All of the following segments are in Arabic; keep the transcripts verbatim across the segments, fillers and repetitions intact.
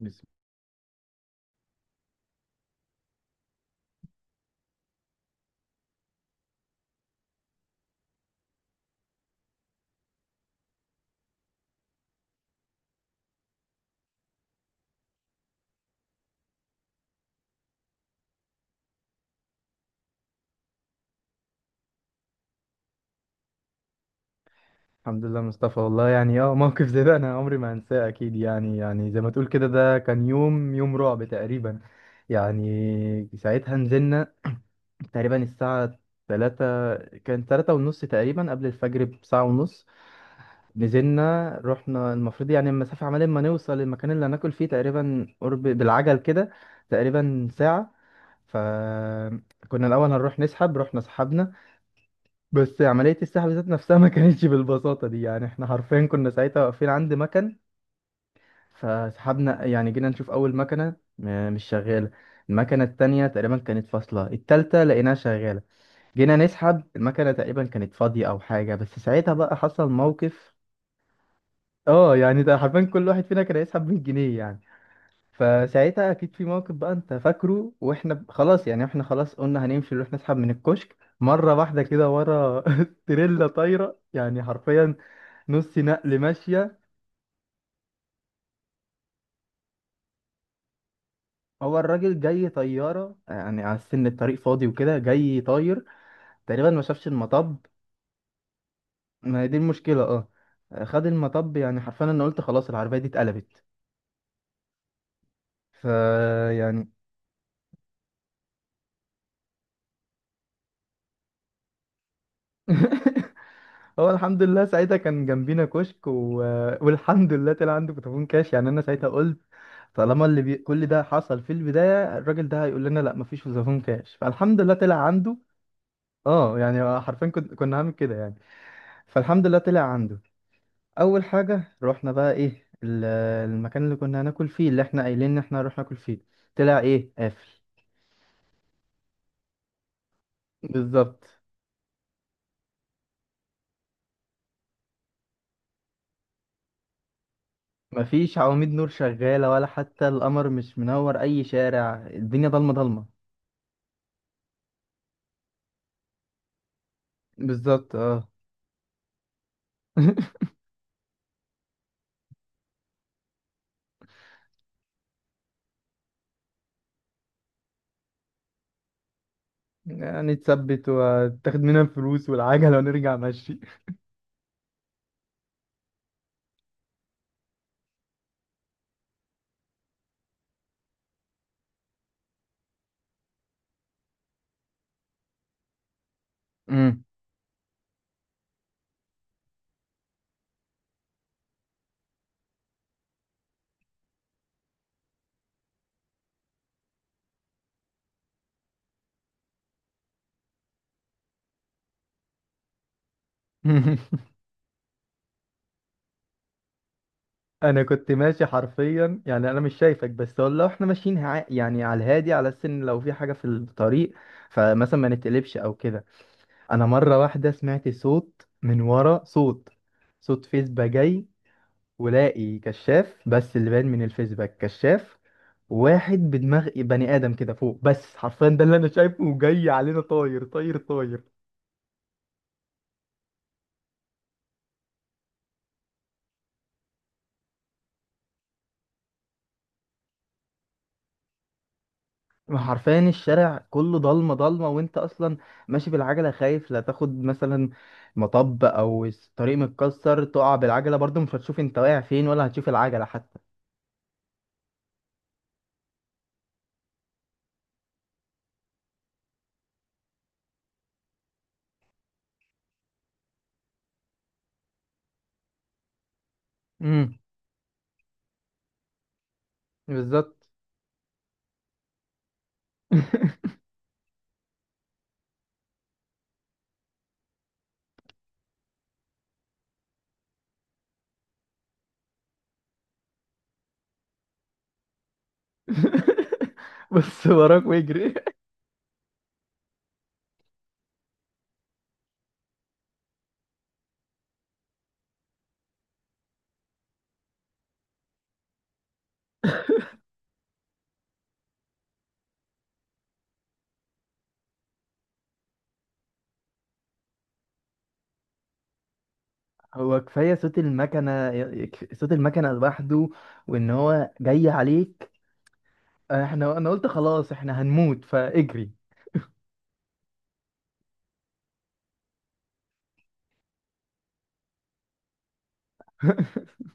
بس الحمد لله مصطفى. والله يعني اه موقف زي ده انا عمري ما هنساه اكيد، يعني يعني زي ما تقول كده، ده كان يوم يوم رعب تقريبا. يعني ساعتها نزلنا تقريبا الساعة تلاتة، كان تلاتة ونص تقريبا، قبل الفجر بساعة ونص. نزلنا رحنا، المفروض يعني المسافة عمال ما نوصل المكان اللي هناكل فيه تقريبا، قرب بالعجل كده تقريبا ساعة. فكنا الأول هنروح نسحب، رحنا سحبنا. بس عملية السحب ذات نفسها ما كانتش بالبساطة دي، يعني احنا حرفيا كنا ساعتها واقفين عند مكن. فسحبنا، يعني جينا نشوف أول مكنة م- مش شغالة. المكنة التانية تقريبا كانت فاصلة، التالتة لقيناها شغالة. جينا نسحب المكنة تقريبا كانت فاضية أو حاجة، بس ساعتها بقى حصل موقف. اه، يعني ده حرفيا كل واحد فينا كان هيسحب مية جنيه يعني. فساعتها أكيد في موقف بقى أنت فاكره، وإحنا ب- خلاص، يعني إحنا خلاص قلنا هنمشي نروح نسحب من الكشك مرة واحدة كده، ورا تريلا طايرة يعني، حرفيا نص نقل ماشية. هو الراجل جاي طيارة يعني على السن، الطريق فاضي وكده جاي طاير. تقريبا ما شافش المطب. ما هي دي المشكلة، اه. خد المطب، يعني حرفيا انا قلت خلاص العربية دي اتقلبت. ف يعني. هو الحمد لله ساعتها كان جنبينا كشك و... والحمد لله طلع عنده فودافون كاش، يعني انا ساعتها قلت طالما اللي بي... كل ده حصل في البداية، الراجل ده هيقول لنا لا مفيش فودافون كاش، فالحمد لله طلع عنده. اه يعني حرفيا كنت كنا هعمل كده يعني، فالحمد لله طلع عنده. اول حاجه رحنا بقى ايه ال- المكان اللي كنا هناكل فيه، اللي احنا قايلين ان احنا هنروح ناكل فيه، طلع ايه قافل. بالظبط. مفيش عواميد نور شغاله، ولا حتى القمر مش منور اي شارع، الدنيا ضلمه ضلمه. بالظبط، اه. يعني تثبت وتاخد منها الفلوس والعجله ونرجع ماشي. مم. انا كنت ماشي حرفيا، يعني انا مش شايفك، بس هو لو احنا ماشيين هع- يعني على الهادي على السن، لو في حاجه في الطريق فمثلا ما نتقلبش او كده. انا مره واحده سمعت صوت من ورا، صوت، صوت فيسبا جاي، ولاقي كشاف، بس اللي باين من الفيسبا كشاف واحد بدماغ بني ادم كده فوق، بس حرفيا ده اللي انا شايفه، وجاي علينا طاير طاير طاير. حرفيا الشارع كله ضلمه ضلمه، وانت اصلا ماشي بالعجله، خايف لا تاخد مثلا مطب او الطريق متكسر تقع بالعجله، برضه مش هتشوف انت واقع فين، ولا هتشوف العجله حتى. امم. بالظبط. بص وراك ويجري. هو كفاية صوت المكنة ي- كف- صوت المكنة لوحده، وإن هو جاي عليك. احنا انا قلت خلاص احنا هنموت، فاجري.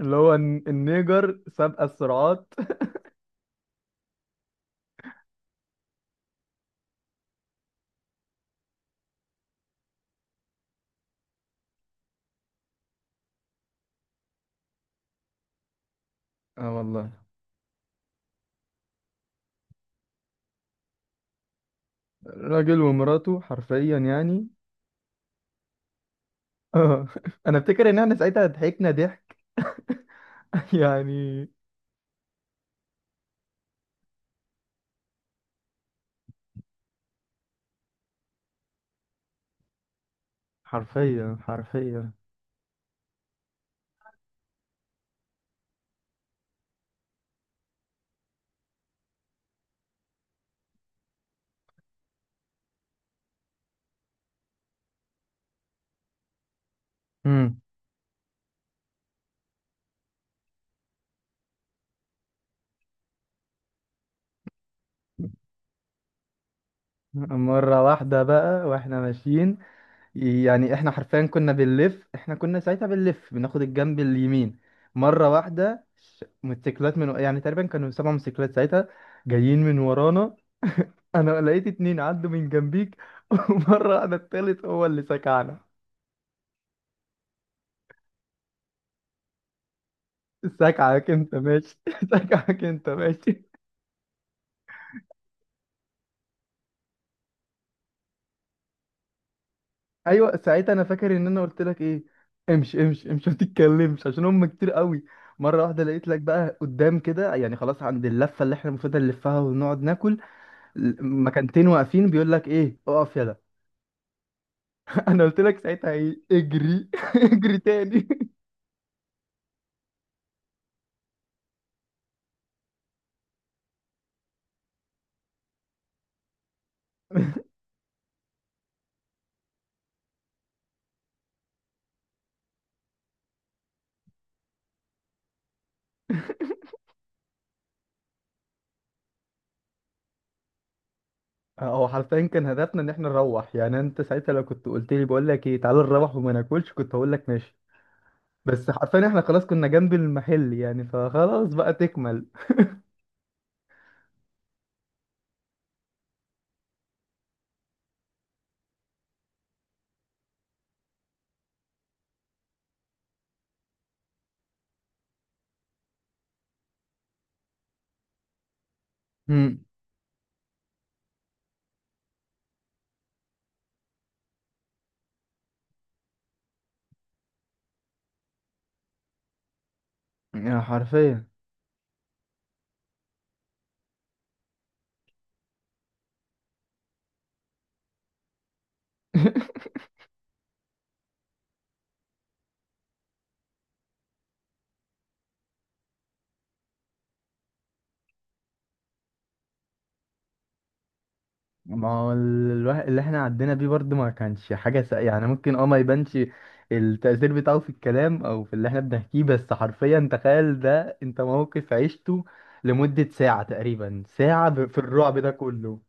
اللي هو الن- النيجر سابقة السرعات. اه والله. راجل ومراته حرفيا يعني. اه. انا افتكر ان احنا ساعتها ضحكنا ضحك. يعني حرفيا حرفيا. امم. مرة واحدة بقى واحنا ماشيين، يعني احنا حرفيا كنا بنلف، احنا كنا ساعتها بنلف بناخد الجنب اليمين. مرة واحدة ش- موتوسيكلات، من يعني تقريبا كانوا سبع موتوسيكلات ساعتها جايين من ورانا، انا لقيت اتنين عدوا من جنبيك. ومرة انا التالت هو اللي سكعنا. سكعك انت ماشي. سكعك انت ماشي. ايوه ساعتها انا فاكر ان انا قلت لك ايه، امشي امشي امشي ما تتكلمش عشان هم كتير قوي. مرة واحدة لقيت لك بقى قدام كده، يعني خلاص عند اللفة اللي احنا المفروض نلفها ونقعد ناكل، مكانتين واقفين بيقول لك ايه اقف يلا. انا قلت لك ساعتها ايه، اجري. اجري تاني. هو حرفيا كان هدفنا ان احنا نروح، يعني انت ساعتها لو كنت قلت لي بقول لك ايه تعالى نروح وما ناكلش كنت هقول لك ماشي، بس حرفيا احنا خلاص كنا جنب المحل يعني، فخلاص بقى تكمل. امم. يا حرفيا. ما هو ال- الواحد اللي احنا عدينا بيه برضه ما كانش حاجة س... يعني ممكن، اه ما يبانش التأثير بتاعه في الكلام او في اللي احنا بنحكيه، بس حرفيا تخيل ده انت موقف عشته لمدة ساعة، تقريبا ساعة ب- في الرعب ده كله.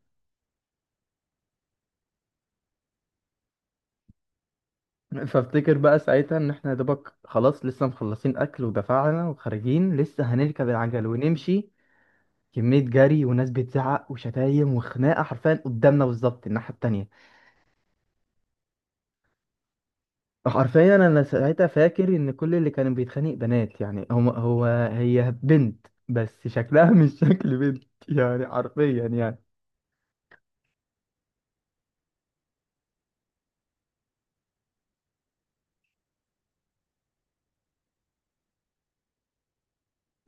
فافتكر بقى ساعتها ان احنا يا دوبك خلاص لسه مخلصين اكل ودفعنا وخارجين، لسه هنركب العجل ونمشي، كمية جري وناس بتزعق وشتايم وخناقة، حرفيا قدامنا بالظبط الناحية التانية. حرفيا انا ساعتها فاكر ان كل اللي كانوا بيتخانق بنات، يعني هو هو، هي بنت بس شكلها مش شكل بنت، يعني حرفيا يعني.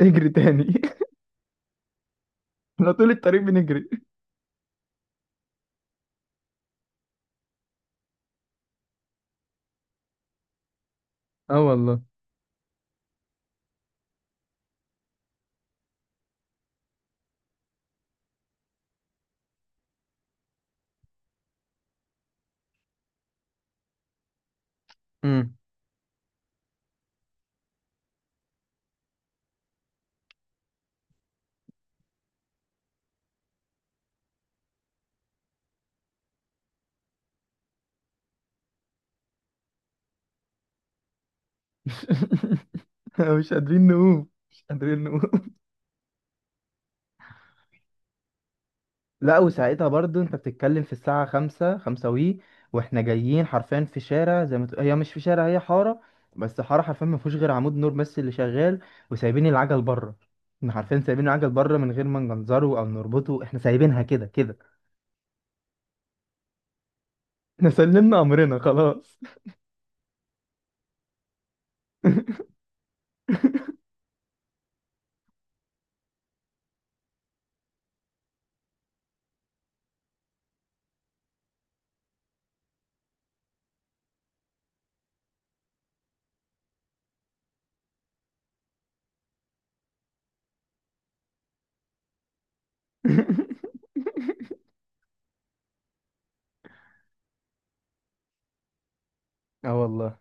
اجري تاني. احنا طول الطريق بنجري. اه والله. امم. مش قادرين نقوم، مش قادرين نقوم. لا، وساعتها برضو انت بتتكلم في الساعة خمسة، خمسة وي واحنا جايين حرفيا في شارع، زي ما تقول هي مش في شارع، هي حارة، بس حارة حرفيا ما فيهوش غير عمود نور بس اللي شغال، وسايبين العجل بره، احنا حرفيا سايبين العجل بره من غير ما نجنزره او نربطه، احنا سايبينها كده كده. احنا سلمنا امرنا خلاص. اه والله.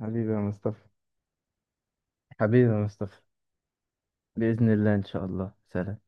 حبيبي يا مصطفى. حبيبي يا مصطفى. بإذن الله إن شاء الله، سلام.